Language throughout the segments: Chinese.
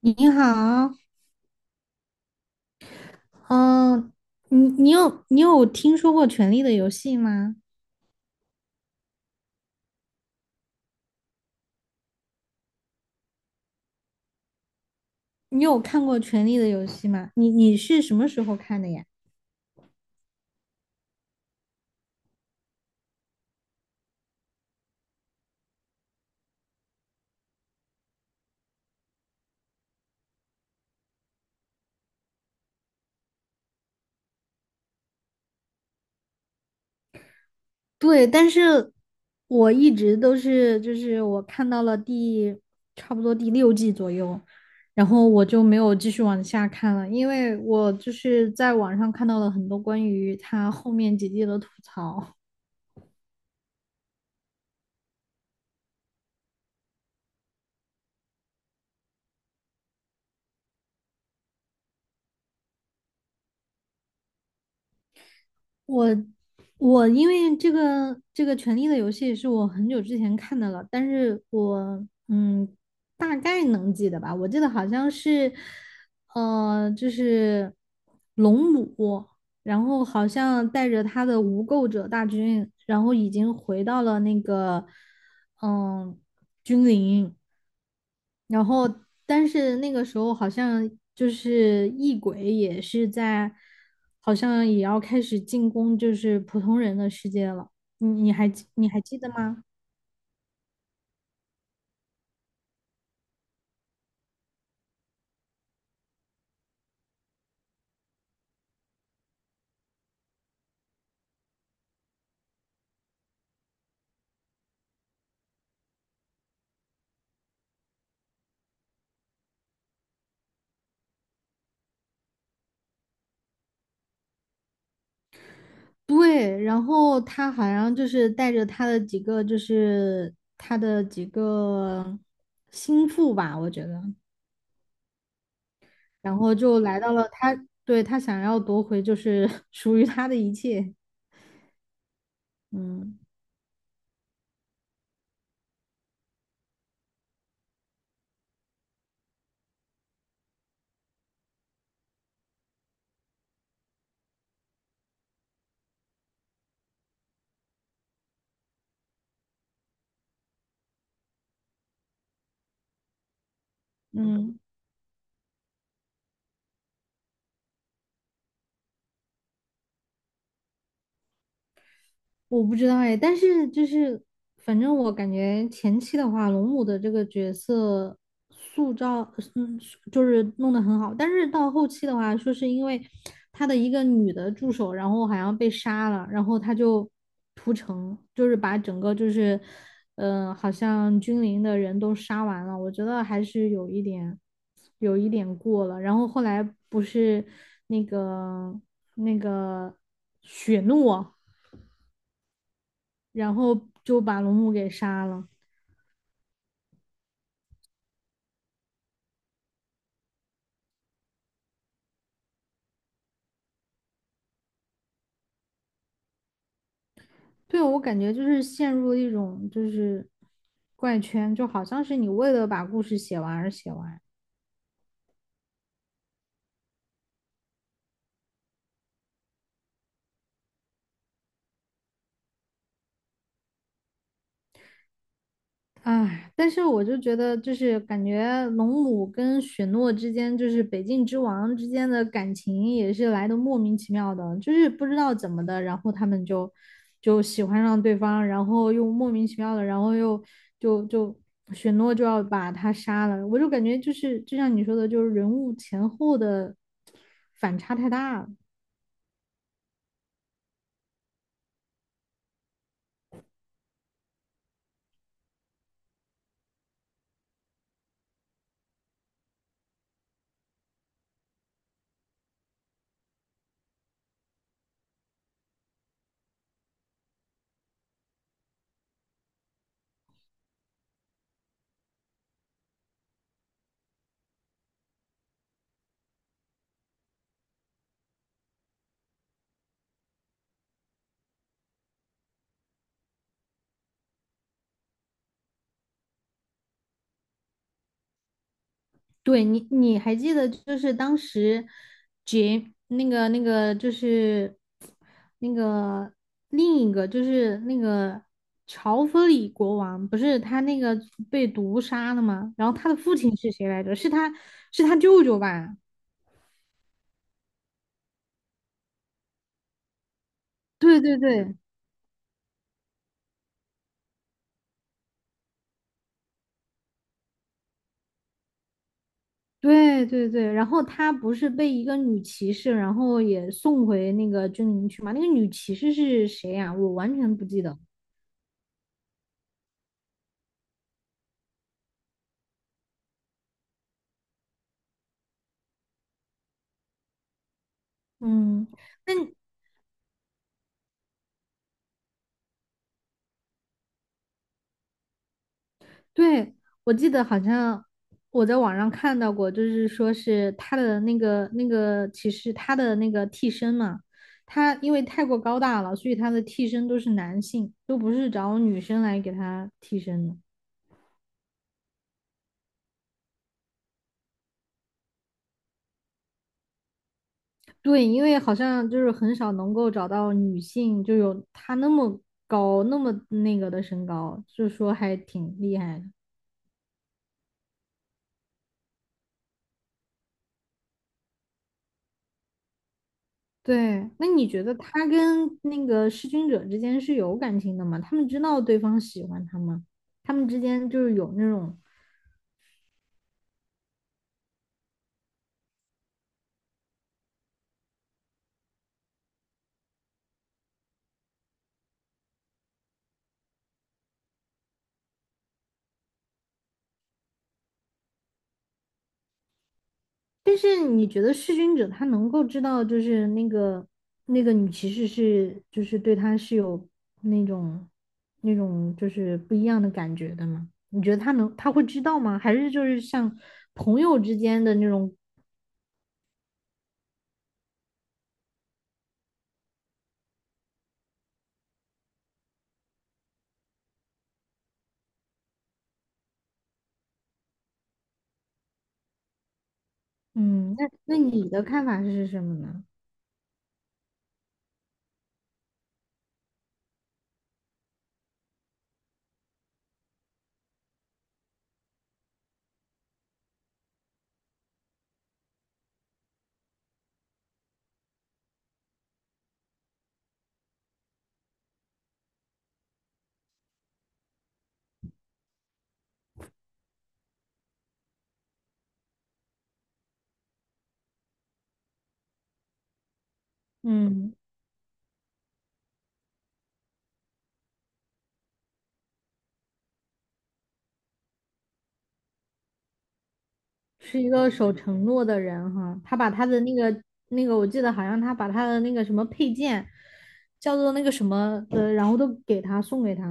你好，嗯、你你有听说过《权力的游戏》吗？你有看过《权力的游戏》吗？你是什么时候看的呀？对，但是我一直都是，就是我看到了差不多第六季左右，然后我就没有继续往下看了，因为我就是在网上看到了很多关于他后面几季的吐槽。我我因为这个《权力的游戏》是我很久之前看的了，但是我大概能记得吧，我记得好像是呃就是龙母，然后好像带着他的无垢者大军，然后已经回到了那个嗯君临，然后但是那个时候好像就是异鬼也是在，好像也要开始进攻就是普通人的世界了。你还记得吗？对，然后他好像就是带着他的几个，就是他的几个心腹吧，我觉得，然后就来到了他，对，他想要夺回就是 属于他的一切。嗯嗯。我不知道哎，但是反正我感觉前期的话，龙母的这个角色塑造，嗯，就是弄得很好，但是到后期的话，说是因为他的一个女的助手，然后好像被杀了，然后他就屠城，就是把整个就是，好像君临的人都杀完了，我觉得还是有一点，有一点过了。然后后来不是那个那个雪诺。然后就把龙母给杀了。对，我感觉就是陷入了一种就是怪圈，就好像是你为了把故事写完而写完。哎，但是我就觉得，就是感觉龙母跟雪诺之间，就是北境之王之间的感情也是来的莫名其妙的，就是不知道怎么的，然后他们就喜欢上对方，然后又莫名其妙的，然后又就就雪诺就要把他杀了，我就感觉就是就像你说的，就是人物前后的反差太大了。对你，你还记得就是当时杰那个那个就是那个另一个就是那个乔弗里国王，不是他那个被毒杀了吗？然后他的父亲是谁来着？是他舅舅吧？对对对对对对。然后他不是被一个女骑士，然后也送回那个军营去吗？那个女骑士是谁呀、我完全不记得。嗯，那对，我记得好像我在网上看到过，就是说是他的那个那个其实他的那个替身嘛，他因为太过高大了，所以他的替身都是男性，都不是找女生来给他替身的。对，因为好像就是很少能够找到女性就有他那么高那么的身高，就说还挺厉害的。对，那你觉得他跟那个弑君者之间是有感情的吗？他们知道对方喜欢他吗？他们之间就是有那种，但是你觉得弑君者他能够知道，就是那个女骑士是就是对他是有那种那种就是不一样的感觉的吗？你觉得他会知道吗？还是就是像朋友之间的那种，嗯，那你的看法是什么呢？嗯。是一个守承诺的人哈，他把他的那个，我记得好像他把他的那个什么配件，叫做那个什么的，然后都给他送给他。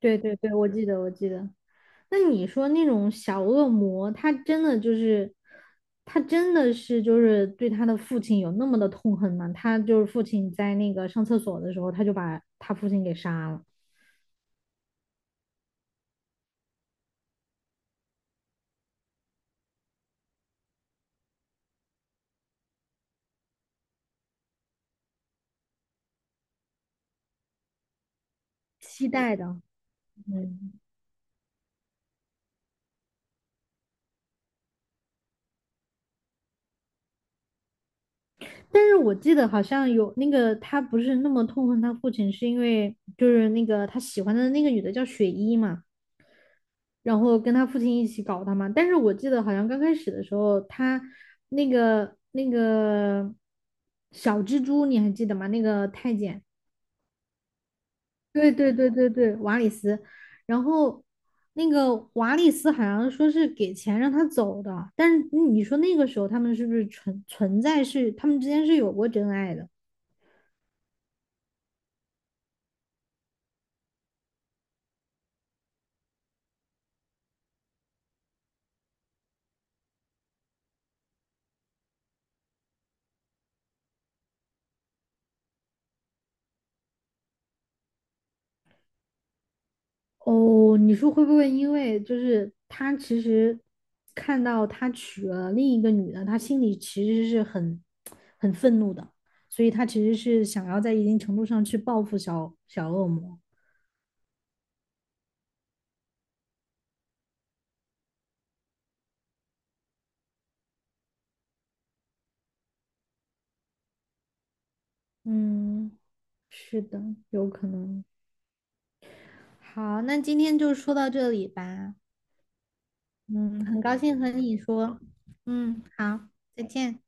对对对，我记得。那你说那种小恶魔，他真的就是，他真的是就是对他的父亲有那么的痛恨吗？他就是父亲在那个上厕所的时候，他就把他父亲给杀了，期待的，嗯。但是我记得好像有那个他不是那么痛恨他父亲，是因为就是那个他喜欢的那个女的叫雪衣嘛，然后跟他父亲一起搞他嘛。但是我记得好像刚开始的时候，他那个小蜘蛛你还记得吗？那个太监，对对对对对，瓦里斯。然后那个瓦里斯好像说是给钱让他走的，但是你说那个时候他们是不是存存在是他们之间是有过真爱的？哦，你说会不会因为就是他其实看到他娶了另一个女的，他心里其实是很愤怒的，所以他其实是想要在一定程度上去报复小恶魔。嗯，是的，有可能。好，那今天就说到这里吧。嗯，很高兴和你说。嗯，好，再见。